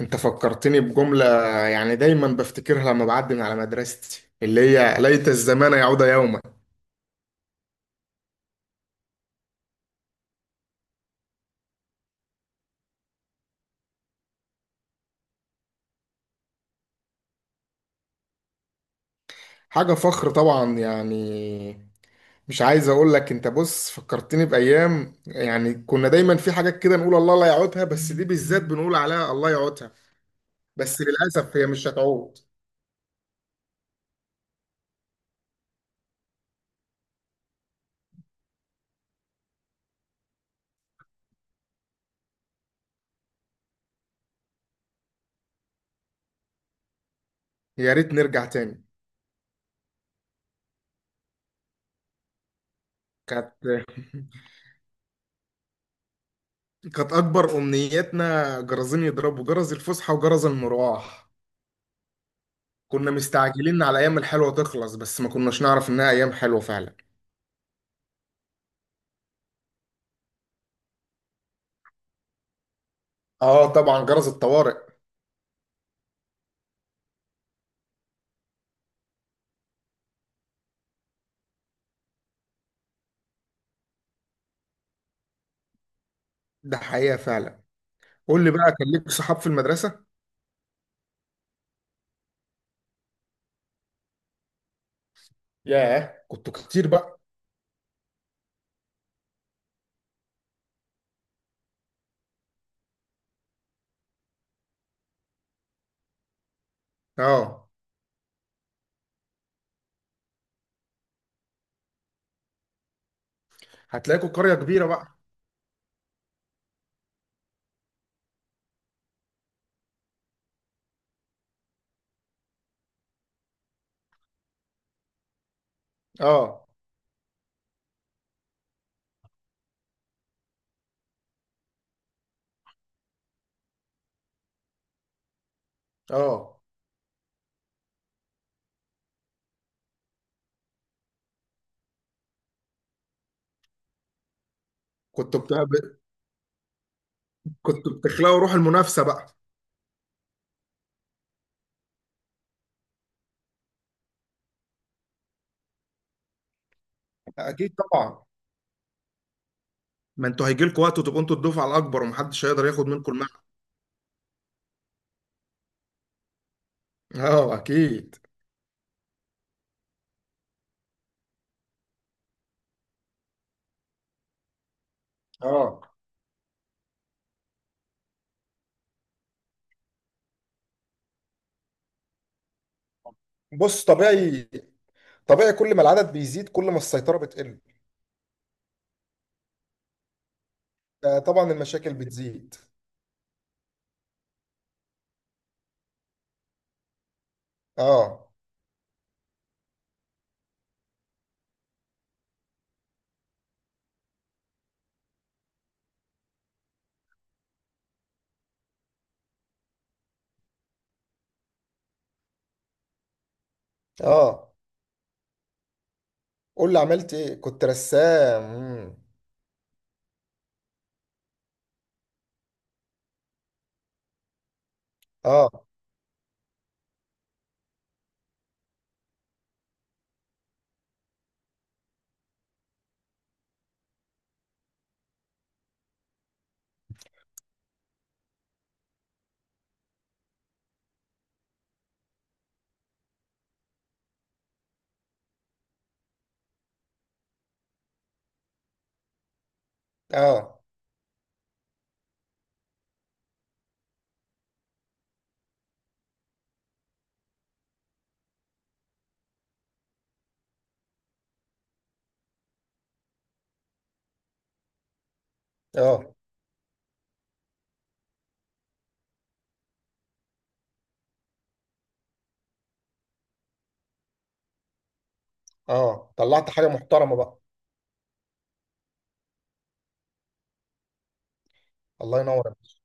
انت فكرتني بجملة، يعني دايما بفتكرها لما بعدي من على مدرستي، اللي هي ليت الزمان يعود يوما. حاجة فخر طبعا يعني. مش عايز اقول لك، انت بص فكرتني بأيام، يعني كنا دايما في حاجات كده نقول الله لا يعودها، بس دي بالذات بنقول عليها الله يعودها. بس للأسف هي مش هتعود. يا ريت نرجع تاني. كانت كانت أكبر أمنياتنا جرزين يضربوا جرس الفسحة وجرس المروح. كنا مستعجلين على ايام الحلوه تخلص، بس ما كناش نعرف انها ايام حلوه فعلا. اه طبعا، جرس الطوارئ. ده حقيقه فعلا. قول لي بقى، كان ليك صحاب في المدرسه؟ ياه كنتوا كتير بقى. اه، هتلاقيكوا قريه كبيره بقى. اه. اه. كنتوا بت... كنتوا بتخلقوا روح المنافسه بقى. اكيد طبعا. ما انتوا هيجي لكم وقت وتبقوا انتوا الدفعه الاكبر ومحدش هيقدر ياخد منكم المعنى. اه اكيد. اه. بص طبيعي، طبيعي كل ما العدد بيزيد كل ما السيطرة بتقل. طبعا المشاكل بتزيد. اه. اه. قول لي عملت ايه، كنت رسام؟ اه. اه. اه. اه طلعت حاجه محترمه بقى. الله ينور عليك.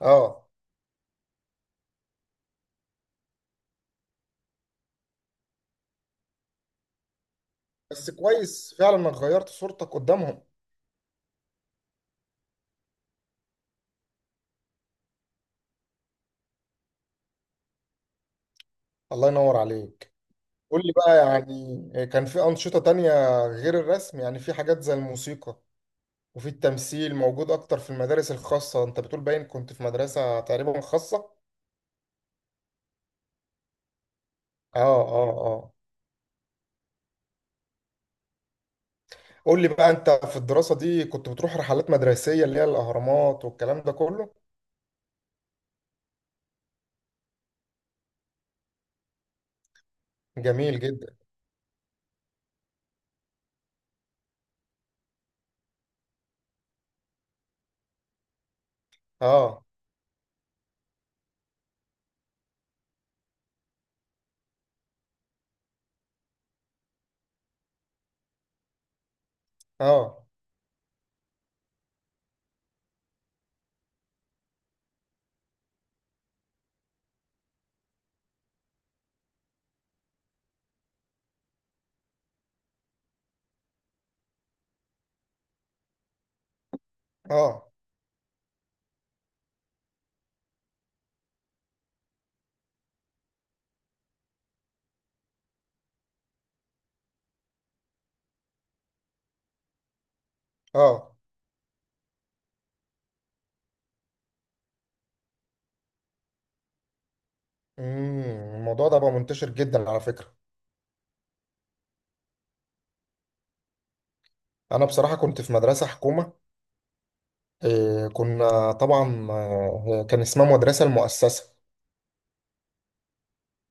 اه. بس كويس فعلا انك غيرت صورتك قدامهم. الله ينور عليك. قول لي بقى، يعني كان في انشطه تانية غير الرسم؟ يعني في حاجات زي الموسيقى، وفي التمثيل موجود اكتر في المدارس الخاصه. انت بتقول باين كنت في مدرسه تقريبا خاصه. اه. اه. اه. قول لي بقى، انت في الدراسة دي كنت بتروح رحلات مدرسية، اللي هي الأهرامات والكلام ده كله؟ جميل جدا. اه. اه. اه. اه. الموضوع ده بقى منتشر جدا على فكرة. انا بصراحة كنت في مدرسة حكومة، إيه كنا طبعا، كان اسمها مدرسة المؤسسة.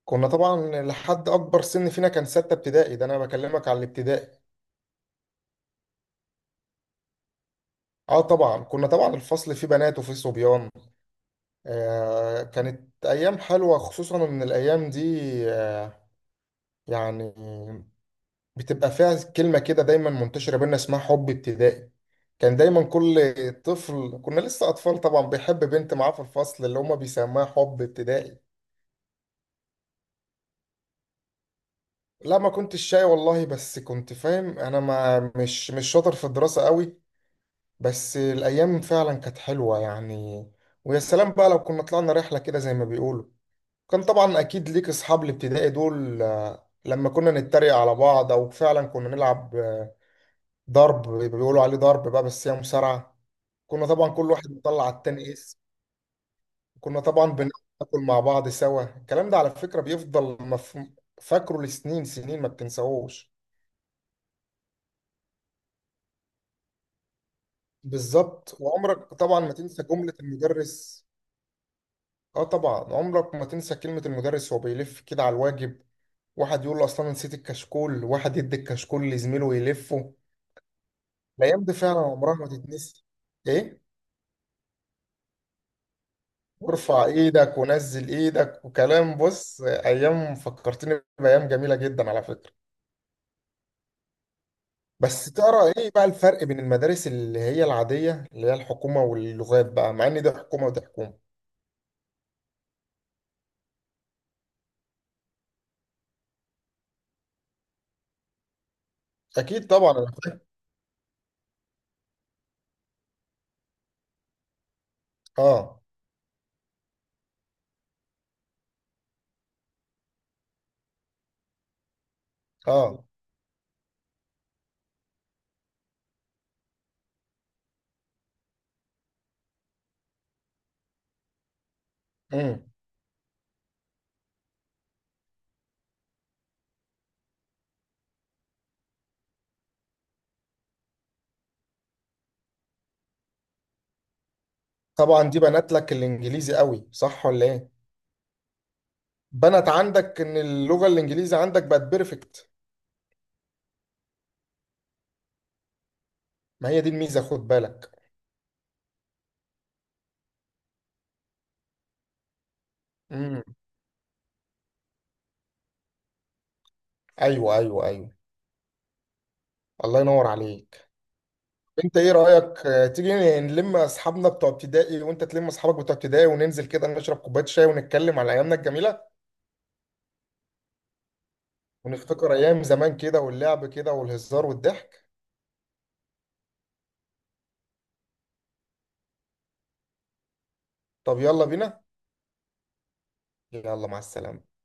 كنا طبعا لحد اكبر سن فينا كان ستة ابتدائي، ده انا بكلمك على الابتدائي. اه طبعا، كنا طبعا الفصل فيه بنات وفيه صبيان. آه كانت ايام حلوة، خصوصا ان الايام دي، آه، يعني بتبقى فيها كلمة كده دايما منتشرة بينا اسمها حب ابتدائي. كان دايما كل طفل، كنا لسه أطفال طبعا، بيحب بنت معاه في الفصل، اللي هما بيسموها حب ابتدائي. لا ما كنتش شاي والله، بس كنت فاهم أنا ما مش مش شاطر في الدراسة قوي. بس الأيام فعلا كانت حلوة يعني. ويا سلام بقى لو كنا طلعنا رحلة كده زي ما بيقولوا. كان طبعا أكيد ليك أصحاب الابتدائي دول، لما كنا نتريق على بعض، أو فعلا كنا نلعب ضرب، بيبقى بيقولوا عليه ضرب بقى بس هي مصارعة. كنا طبعا كل واحد بيطلع على التاني اسم. كنا طبعا بناكل مع بعض سوا. الكلام ده على فكرة فاكره لسنين سنين، ما بتنساهوش. بالظبط. وعمرك طبعا ما تنسى جملة المدرس. اه طبعا عمرك ما تنسى كلمة المدرس وهو بيلف كده على الواجب، واحد يقول له اصلا نسيت الكشكول، واحد يدي الكشكول لزميله ويلفه. الايام دي فعلا عمرها ما تتنسي. ايه، وارفع ايدك ونزل ايدك وكلام، بص ايام فكرتني بايام جميله جدا على فكره. بس ترى ايه بقى الفرق بين المدارس اللي هي العاديه، اللي هي الحكومه، واللغات بقى، مع ان دي حكومه ودي حكومه؟ اكيد طبعا، أنا فاهم. اه. اه. امم طبعا، دي بنت لك الانجليزي قوي صح ولا ايه؟ بنت عندك ان اللغه الانجليزي عندك بقت بيرفكت. ما هي دي الميزه، خد بالك. امم ايوه ايوه ايوه. الله ينور عليك. انت ايه رأيك، تيجي نلم اصحابنا بتوع ابتدائي، وانت تلم اصحابك بتوع ابتدائي، وننزل كده نشرب كوباية شاي ونتكلم على ايامنا الجميلة، ونفتكر ايام زمان كده واللعب كده والهزار والضحك؟ طب يلا بينا. يلا مع السلامة.